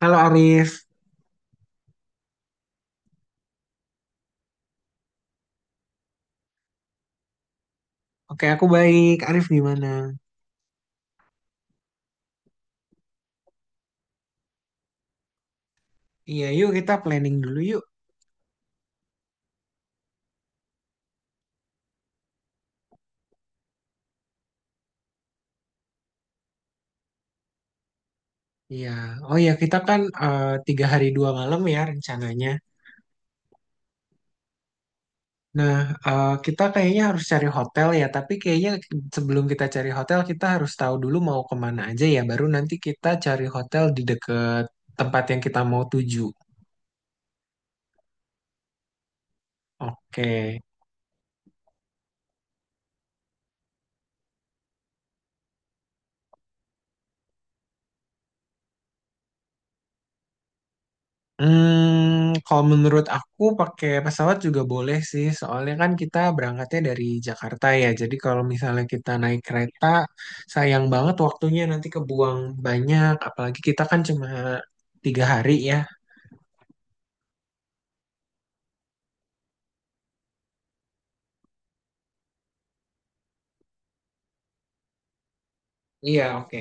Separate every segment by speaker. Speaker 1: Halo Arif, oke aku baik. Arif gimana? Iya, yuk kita planning dulu yuk. Iya, oh ya kita kan 3 hari 2 malam ya rencananya. Nah, kita kayaknya harus cari hotel ya. Tapi kayaknya sebelum kita cari hotel kita harus tahu dulu mau kemana aja ya. Baru nanti kita cari hotel di dekat tempat yang kita mau tuju. Oke. Hmm, kalau menurut aku pakai pesawat juga boleh sih, soalnya kan kita berangkatnya dari Jakarta ya. Jadi kalau misalnya kita naik kereta, sayang banget waktunya nanti kebuang banyak. Apalagi kita kan cuma 3 hari ya. Iya, oke.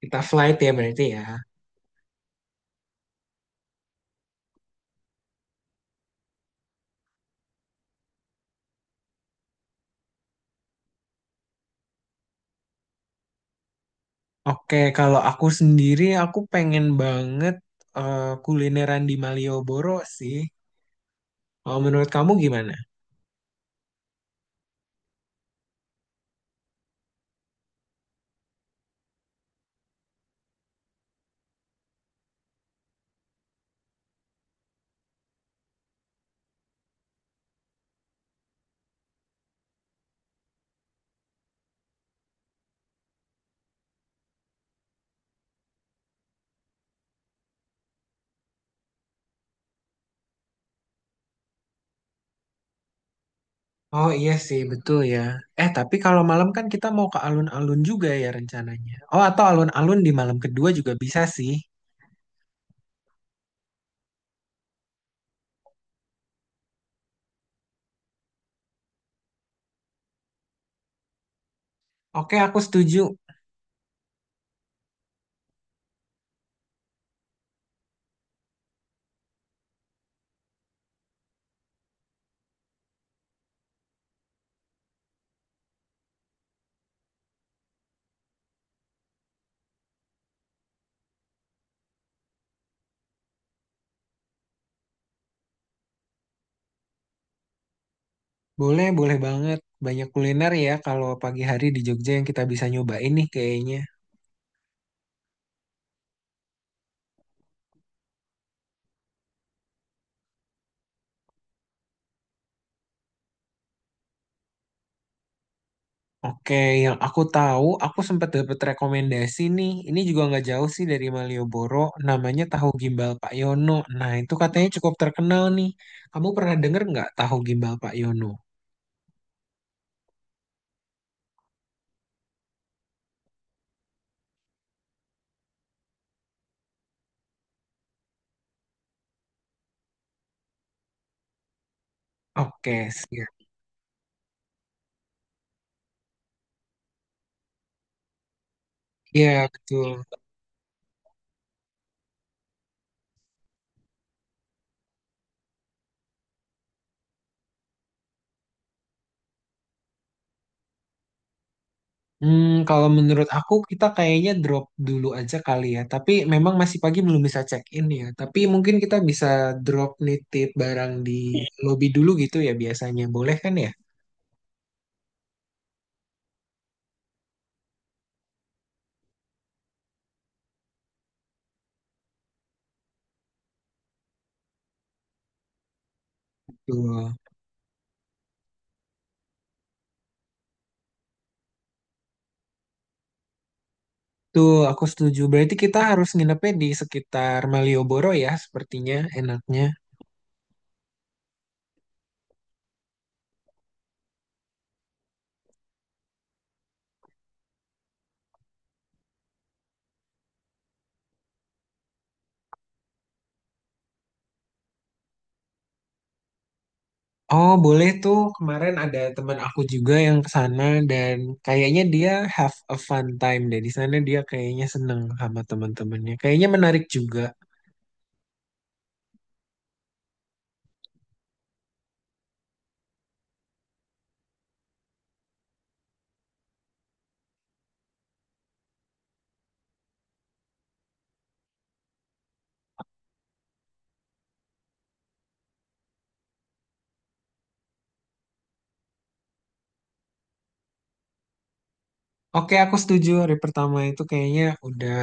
Speaker 1: Kita flight ya berarti ya. Oke, kalau aku sendiri aku pengen banget kulineran di Malioboro sih. Kalau menurut kamu gimana? Oh iya sih, betul ya. Eh, tapi kalau malam kan kita mau ke alun-alun juga ya rencananya. Oh, atau alun-alun di malam kedua juga bisa sih. Oke, aku setuju. Boleh, boleh banget. Banyak kuliner ya kalau pagi hari di Jogja yang kita bisa nyobain nih kayaknya. Oke, yang aku tahu, aku sempat dapat rekomendasi nih. Ini juga nggak jauh sih dari Malioboro, namanya Tahu Gimbal Pak Yono. Nah, itu katanya cukup terkenal nih. Kamu pernah denger nggak Tahu Gimbal Pak Yono? Oke, siap. Iya, betul. Hmm, kalau menurut aku kita kayaknya drop dulu aja kali ya. Tapi memang masih pagi belum bisa check in ya. Tapi mungkin kita bisa drop nitip barang di lobby dulu gitu ya biasanya. Boleh kan ya? Tuh, tuh, aku setuju. Berarti kita harus nginepnya di sekitar Malioboro ya sepertinya enaknya. Oh, boleh tuh. Kemarin ada teman aku juga yang ke sana dan kayaknya dia have a fun time deh. Di sana dia kayaknya seneng sama teman-temannya. Kayaknya menarik juga. Oke, aku setuju. Hari pertama itu kayaknya udah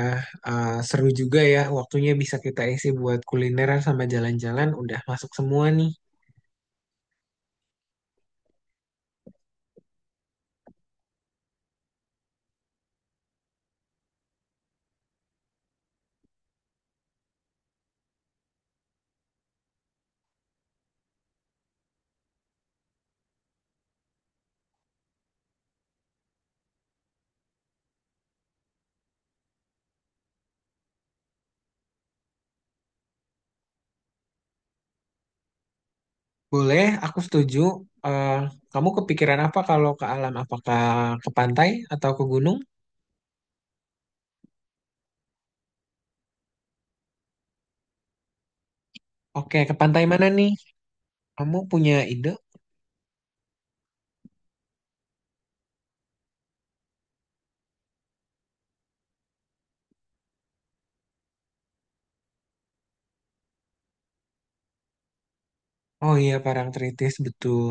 Speaker 1: seru juga ya. Waktunya bisa kita isi buat kulineran sama jalan-jalan. Udah masuk semua nih. Boleh, aku setuju. Eh, kamu kepikiran apa kalau ke alam? Apakah ke pantai atau ke gunung? Oke, ke pantai mana nih? Kamu punya ide? Oh iya, Parangtritis, betul.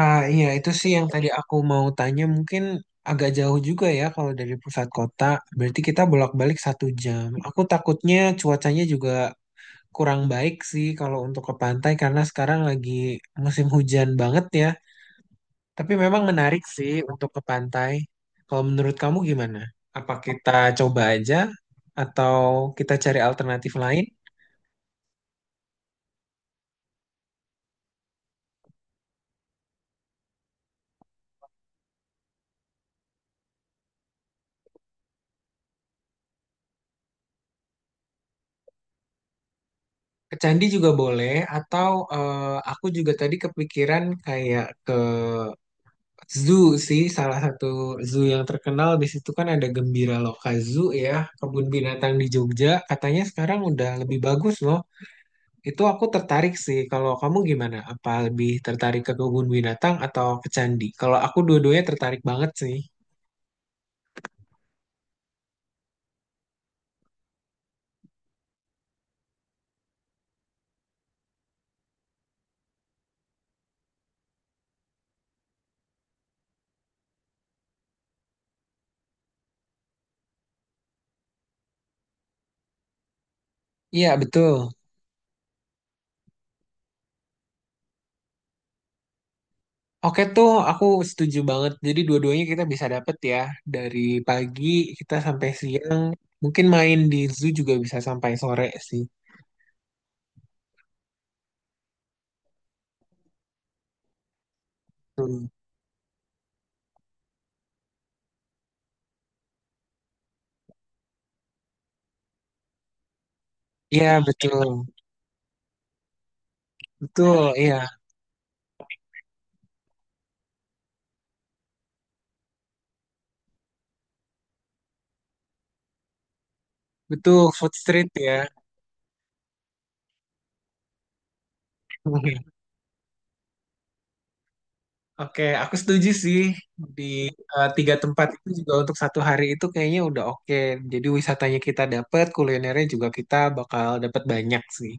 Speaker 1: Ah iya, itu sih yang tadi aku mau tanya. Mungkin agak jauh juga ya kalau dari pusat kota. Berarti kita bolak-balik 1 jam. Aku takutnya cuacanya juga kurang baik sih kalau untuk ke pantai karena sekarang lagi musim hujan banget ya. Tapi memang menarik sih untuk ke pantai. Kalau menurut kamu gimana? Apa kita coba aja atau kita cari alternatif lain? Ke candi juga boleh atau aku juga tadi kepikiran kayak ke zoo sih, salah satu zoo yang terkenal di situ kan ada Gembira Loka Zoo ya, kebun binatang di Jogja. Katanya sekarang udah lebih bagus loh. Itu aku tertarik sih. Kalau kamu gimana? Apa lebih tertarik ke kebun binatang atau ke candi? Kalau aku dua-duanya tertarik banget sih. Iya, betul. Oke tuh, aku setuju banget. Jadi dua-duanya kita bisa dapet ya. Dari pagi kita sampai siang. Mungkin main di zoo juga bisa sampai sore sih. Betul. Iya, betul. Betul, iya. Betul, food street ya. Oke, aku setuju sih di tiga tempat itu juga untuk satu hari itu kayaknya udah oke. Jadi wisatanya kita dapat kulinernya juga kita bakal dapat banyak sih.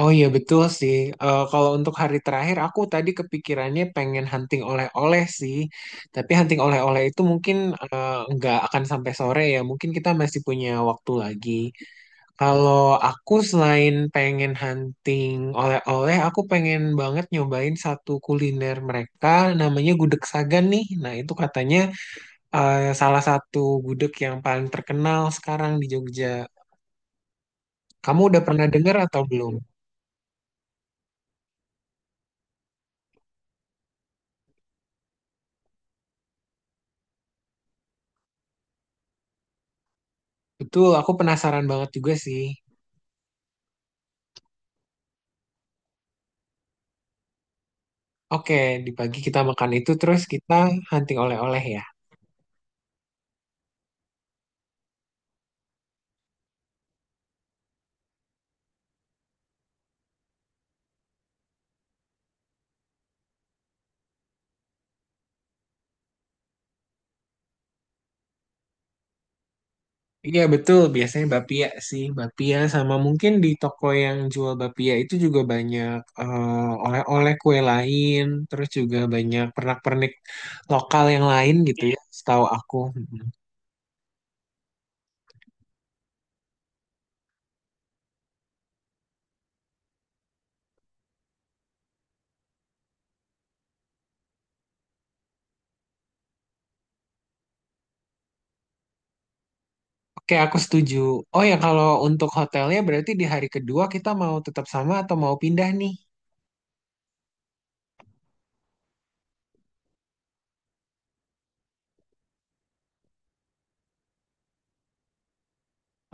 Speaker 1: Oh iya betul sih. Eh, kalau untuk hari terakhir aku tadi kepikirannya pengen hunting oleh-oleh sih. Tapi hunting oleh-oleh itu mungkin nggak akan sampai sore ya. Mungkin kita masih punya waktu lagi. Kalau aku selain pengen hunting oleh-oleh, aku pengen banget nyobain satu kuliner mereka, namanya gudeg Sagan nih. Nah, itu katanya salah satu gudeg yang paling terkenal sekarang di Jogja. Kamu udah pernah dengar atau belum? Betul, aku penasaran banget juga sih. Oke, di pagi kita makan itu, terus kita hunting oleh-oleh ya. Iya betul, biasanya bapia sih, bapia sama mungkin di toko yang jual bapia itu juga banyak oleh-oleh kue lain, terus juga banyak pernak-pernik lokal yang lain gitu ya, iya, setahu aku. Mm-mm. Oke, aku setuju. Oh ya, kalau untuk hotelnya berarti di hari kedua kita mau tetap sama atau mau pindah nih?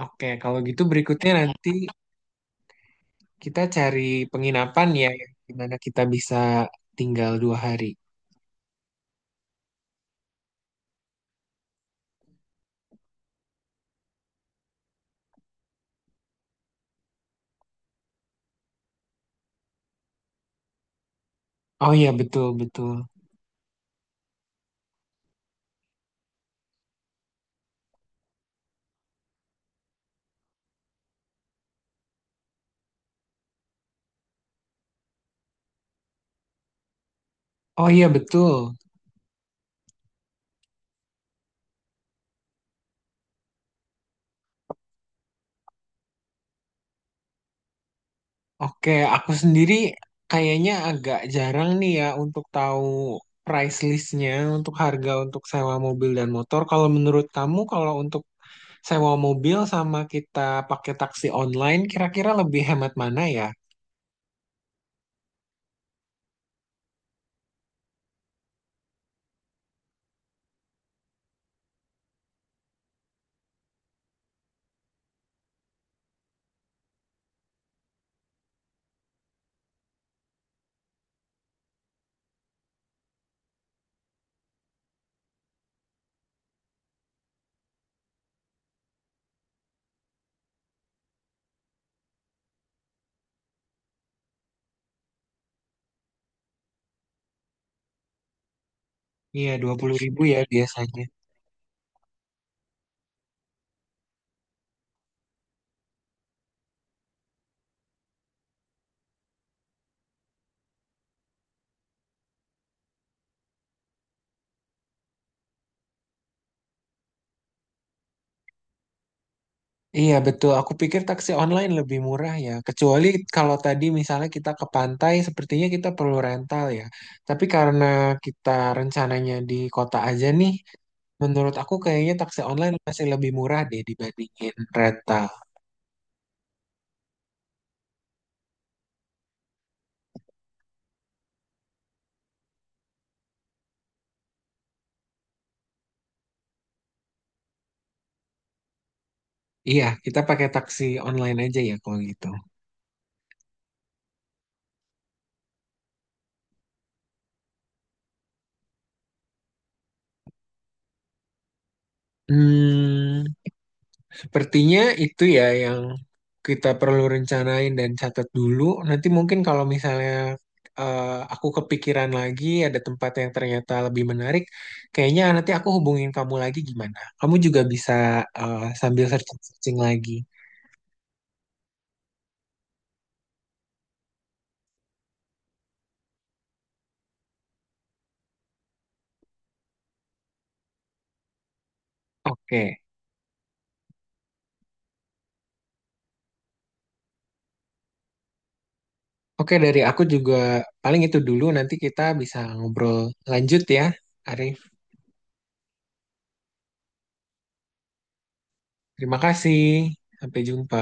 Speaker 1: Oke, kalau gitu berikutnya nanti kita cari penginapan ya, yang dimana kita bisa tinggal 2 hari. Oh iya betul betul. Oh iya betul. Oke, aku sendiri kayaknya agak jarang nih ya untuk tahu price listnya untuk harga untuk sewa mobil dan motor. Kalau menurut kamu, kalau untuk sewa mobil sama kita pakai taksi online, kira-kira lebih hemat mana ya? Iya, 20 ribu ya biasanya. Iya betul, aku pikir taksi online lebih murah ya. Kecuali kalau tadi misalnya kita ke pantai, sepertinya kita perlu rental ya. Tapi karena kita rencananya di kota aja nih, menurut aku kayaknya taksi online masih lebih murah deh dibandingin rental. Iya, kita pakai taksi online aja ya kalau gitu. Hmm, sepertinya itu ya yang kita perlu rencanain dan catat dulu. Nanti mungkin kalau misalnya eh, aku kepikiran lagi ada tempat yang ternyata lebih menarik, kayaknya nanti aku hubungin kamu lagi gimana? Kamu juga bisa sambil searching-searching lagi. Oke. Oke, dari aku juga paling itu dulu. Nanti kita bisa ngobrol lanjut ya, Arif. Terima kasih. Sampai jumpa.